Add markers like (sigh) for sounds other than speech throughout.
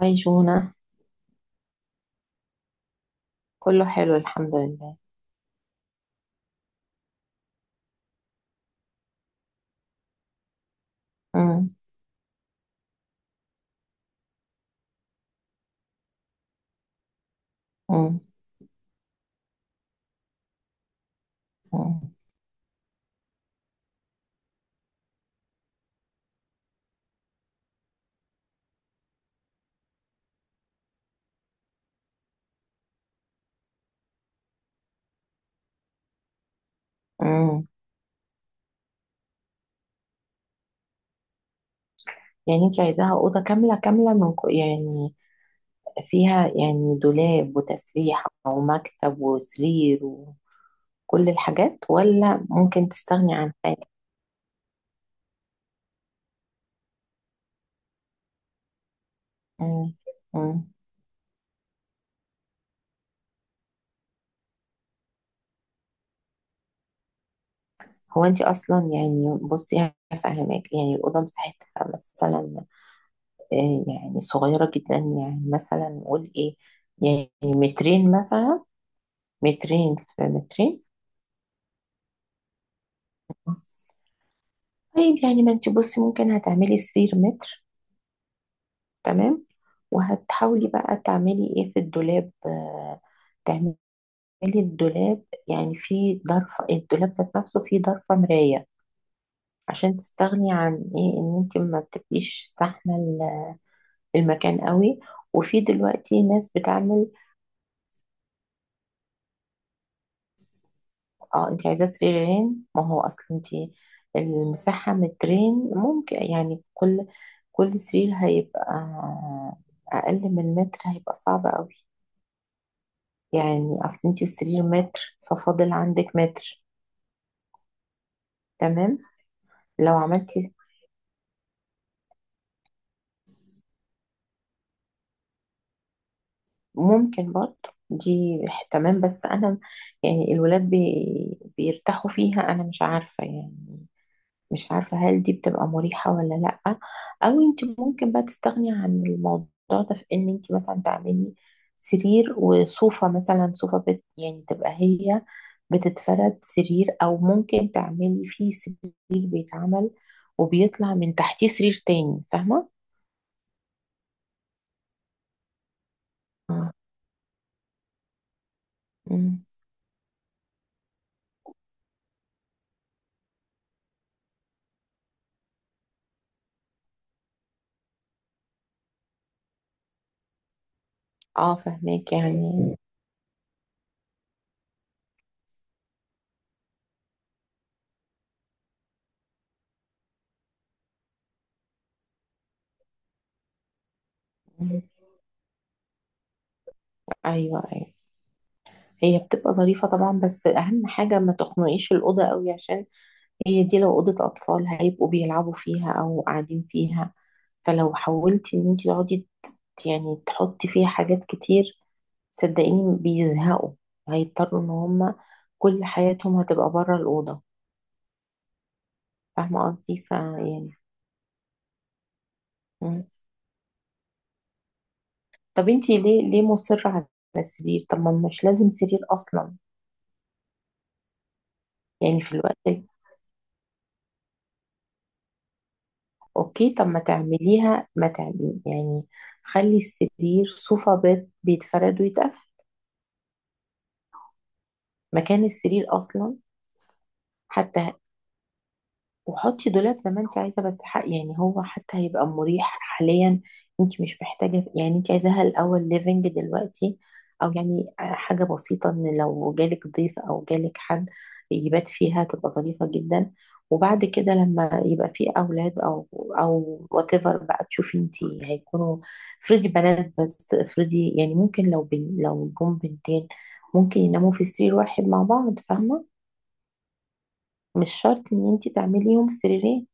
عايشونة. كله حلو، الحمد لله. مم. مم. مم. مم. يعني انت عايزاها أوضة كاملة كاملة من كو يعني، فيها يعني دولاب وتسريحة ومكتب وسرير وكل الحاجات، ولا ممكن تستغني عن حاجة؟ مم. مم. هو انت اصلا يعني بصي هفهمك، يعني الأوضة مساحتها مثلا يعني صغيرة جدا، يعني مثلا نقول ايه؟ يعني مترين مثلا. مترين في مترين. طيب يعني، ما انت بصي ممكن هتعملي سرير متر. تمام. وهتحاولي بقى تعملي ايه في الدولاب. تعملي الدولاب، يعني في ضرفة الدولاب ذات نفسه فيه ضرفة مراية، عشان تستغني عن ايه، ان انت ما بتبقيش زحمة المكان قوي. وفي دلوقتي ناس بتعمل. اه انت عايزة سريرين، ما هو اصل انت المساحة مترين، ممكن يعني كل سرير هيبقى اقل من متر، هيبقى صعب قوي. يعني اصل انت السرير متر، ففاضل عندك متر. تمام، لو عملتي، ممكن برضه دي. تمام بس انا يعني الولاد بيرتاحوا فيها، انا مش عارفة يعني. مش عارفة هل دي بتبقى مريحة ولا لأ. أو أنت ممكن بقى تستغني عن الموضوع ده في إن أنت مثلا تعملي سرير وصوفة، مثلا صوفة يعني تبقى هي بتتفرد سرير، أو ممكن تعملي فيه سرير بيتعمل وبيطلع من تحتيه سرير تاني. فاهمة؟ اه. أمم. فاهماك يعني. أمم. أيوه، أيوه. هي بتبقى ظريفة طبعا، بس أهم حاجة ما تخنقيش الأوضة قوي، عشان هي دي لو أوضة أطفال هيبقوا بيلعبوا فيها أو قاعدين فيها، فلو حاولتي إن انتي تقعدي يعني تحطي فيها حاجات كتير، صدقيني بيزهقوا. هيضطروا إن هما كل حياتهم هتبقى بره الأوضة. فاهمة قصدي، فيعني. مم. طب انتي ليه مصرة على السرير؟ طب ما مش لازم سرير أصلا. يعني في الوقت أوكي، طب ما تعمليها، ما تعملي يعني خلي السرير صوفا بيت، بيتفرد ويتقفل مكان السرير أصلا حتى. وحطي دولاب زي ما انت عايزه، بس حق يعني هو حتى هيبقى مريح حاليا. انت مش محتاجه، يعني انت عايزاها الاول ليفنج دلوقتي، او يعني حاجه بسيطه ان لو جالك ضيف او جالك حد يبات فيها، تبقى ظريفه جدا. وبعد كده لما يبقى في اولاد او وات ايفر، بقى تشوفي انت. هيكونوا، افرضي بنات بس، افرضي يعني ممكن لو لو جم بنتين، ممكن يناموا في سرير واحد مع بعض، فاهمه؟ مش شرط ان انت تعمليهم سريرين.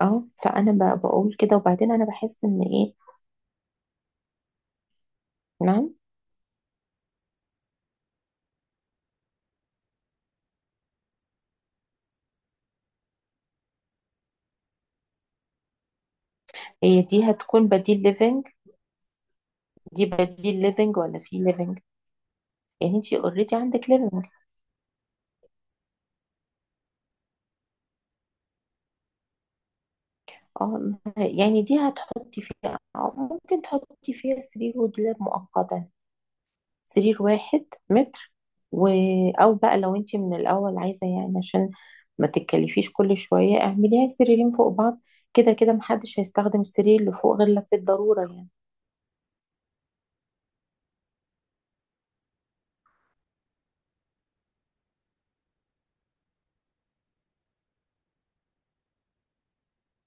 اه فانا بقول كده، وبعدين انا بحس ان ايه. نعم. هي دي هتكون بديل ليفنج؟ دي بديل ليفنج ولا في ليفنج؟ يعني انت اوريدي عندك ليفنج. اه يعني دي هتحطي فيها، أو ممكن تحطي فيها سرير ودولاب مؤقتا، سرير واحد متر و... او بقى لو انت من الاول عايزه يعني عشان ما تتكلفيش كل شويه، اعمليها سريرين فوق بعض. كده كده محدش هيستخدم السرير اللي فوق غير لو في الضروره يعني.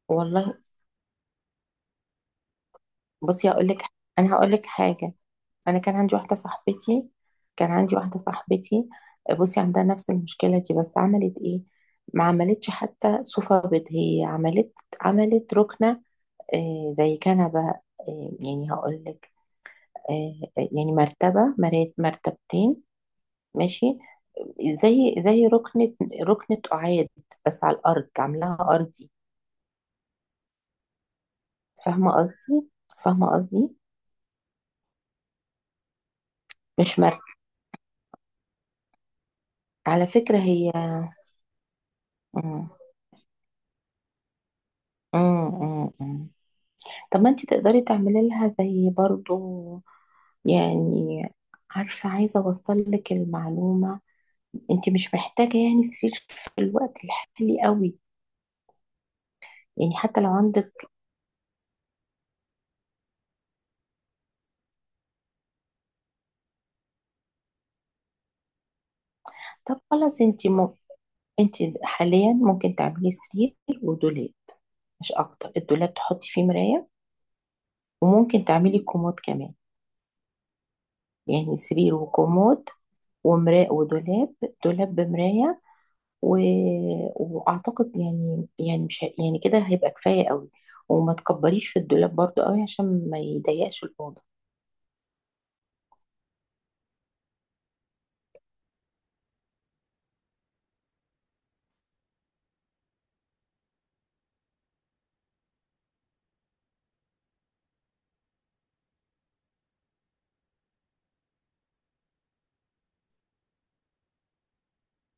والله. بصي هقول لك، انا هقول لك حاجه. انا كان عندي واحده صاحبتي كان عندي واحده صاحبتي، بصي عندها نفس المشكله دي، بس عملت ايه؟ ما عملتش حتى صوفة بيض، هي عملت ركنه، زي كنبه. يعني هقول لك، يعني مرتبه، مرتبتين. ماشي، زي ركنه، ركنه قعاد، بس على الارض عاملاها ارضي. فاهمه قصدي؟ فاهمه قصدي، مش مرتب. على فكره هي. مم. مم. مم. طب ما انت تقدري تعملي لها زي برضو يعني. عارفة، عايزة اوصل لك المعلومة، انت مش محتاجة يعني سرير في الوقت الحالي قوي. يعني حتى لو عندك. طب خلاص انت انت حاليا ممكن تعملي سرير ودولاب مش اكتر، الدولاب تحطي فيه مراية، وممكن تعملي كومود كمان. يعني سرير وكومود ومراية ودولاب، دولاب بمراية. و... واعتقد يعني، مش يعني كده هيبقى كفايه قوي. وما تكبريش في الدولاب برضو قوي، عشان ما يضيقش الاوضه.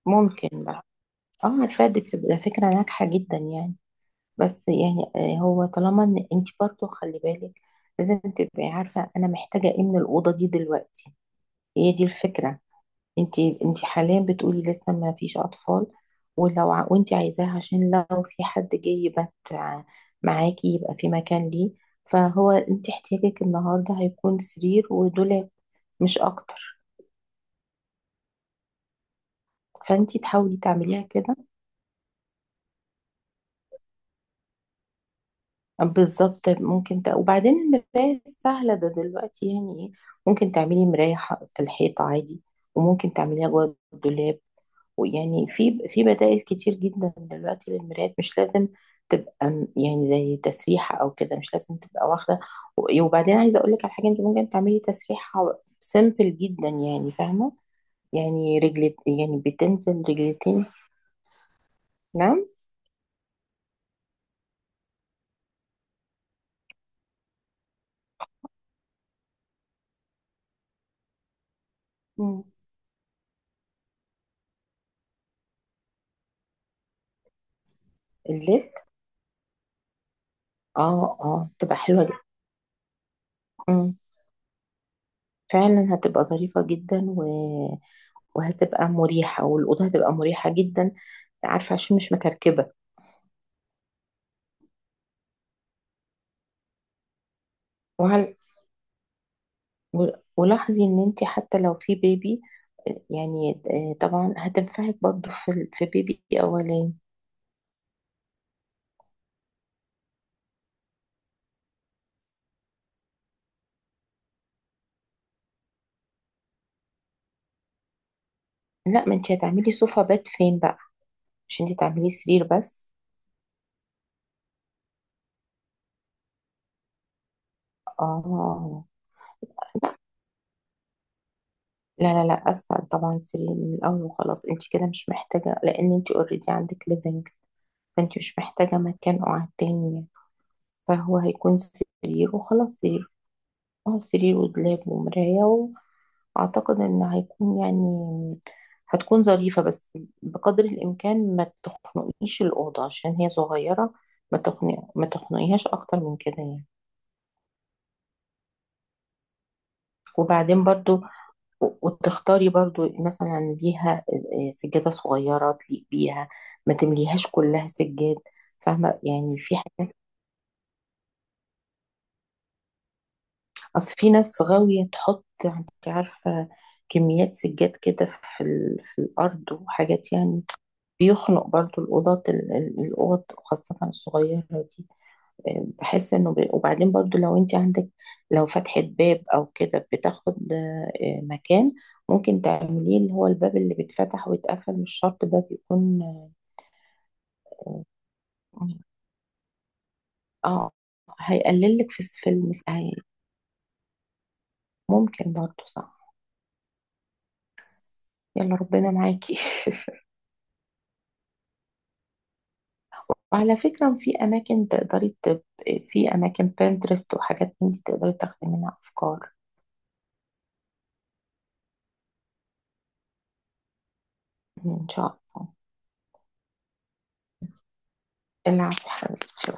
ممكن بقى. اه عارفه دي بتبقى فكره ناجحه جدا يعني، بس يعني هو طالما ان انت برضو خلي بالك، لازم تبقي عارفه انا محتاجه ايه من الاوضه دي دلوقتي. هي دي الفكره. انتي حاليا بتقولي لسه ما فيش اطفال، وانتي عايزاه عشان لو في حد جاي يبات معاكي، يبقى في مكان ليه. فهو انتي احتياجك النهارده هيكون سرير ودولاب، مش اكتر. فانتي تحاولي تعمليها كده. بالظبط. وبعدين المراية سهلة ده دلوقتي، يعني ايه، ممكن تعملي مراية في الحيطة عادي، وممكن تعمليها جوه الدولاب. ويعني في بدائل كتير جدا دلوقتي للمرايات، مش لازم تبقى يعني زي تسريحة أو كده، مش لازم تبقى واخدة. وبعدين عايزة أقول لك على حاجة، أنت ممكن تعملي تسريحة سيمبل جدا، يعني فاهمة، يعني يعني بتنزل رجلتين. نعم. مم. الليك. اه، اه، تبقى حلوة جدا. مم. فعلا هتبقى ظريفة جدا وهتبقى مريحة، والأوضة هتبقى مريحة جدا، عارفة، عشان مش مكركبة. وعلى و- ولاحظي ان انت حتى لو في بيبي، يعني طبعا هتنفعك برضو في في بيبي اولاني. لا ما انت هتعملي صوفة بات فين بقى؟ مش انت تعملي سرير بس. اه. لا، لا، لا، اسهل طبعا سرير من الاول وخلاص. انت كده مش محتاجة، لان انت اوريدي عندك ليفنج، فانت مش محتاجة مكان قعد تاني يعني. فهو هيكون سرير وخلاص، سرير. اه سرير ودولاب ومراية، أعتقد إن هيكون يعني هتكون ظريفة، بس بقدر الإمكان ما تخنقيش الأوضة، عشان هي صغيرة. ما تخنقيهاش أكتر من كده يعني. وبعدين برضو، وتختاري برضو مثلا ليها سجادة صغيرة تليق بيها، ما تمليهاش كلها سجاد. فاهمة يعني، في حاجات، أصل في ناس غاوية تحط، أنت عارفة، كميات سجاد كده في الأرض وحاجات يعني، بيخنق برضو الأوضة الأوض خاصة الصغيرة دي. بحس إنه وبعدين برضو لو أنت عندك، لو فتحة باب أو كده بتاخد مكان، ممكن تعمليه اللي هو الباب اللي بيتفتح ويتقفل، مش شرط باب يكون. اه. هيقللك في ممكن برضو، صح. يلا ربنا معاكي. (laughs) وعلى فكرة في في أماكن بنترست وحاجات من دي، تقدري تاخدي منها أفكار. إن شاء الله. العفو حبيبتي.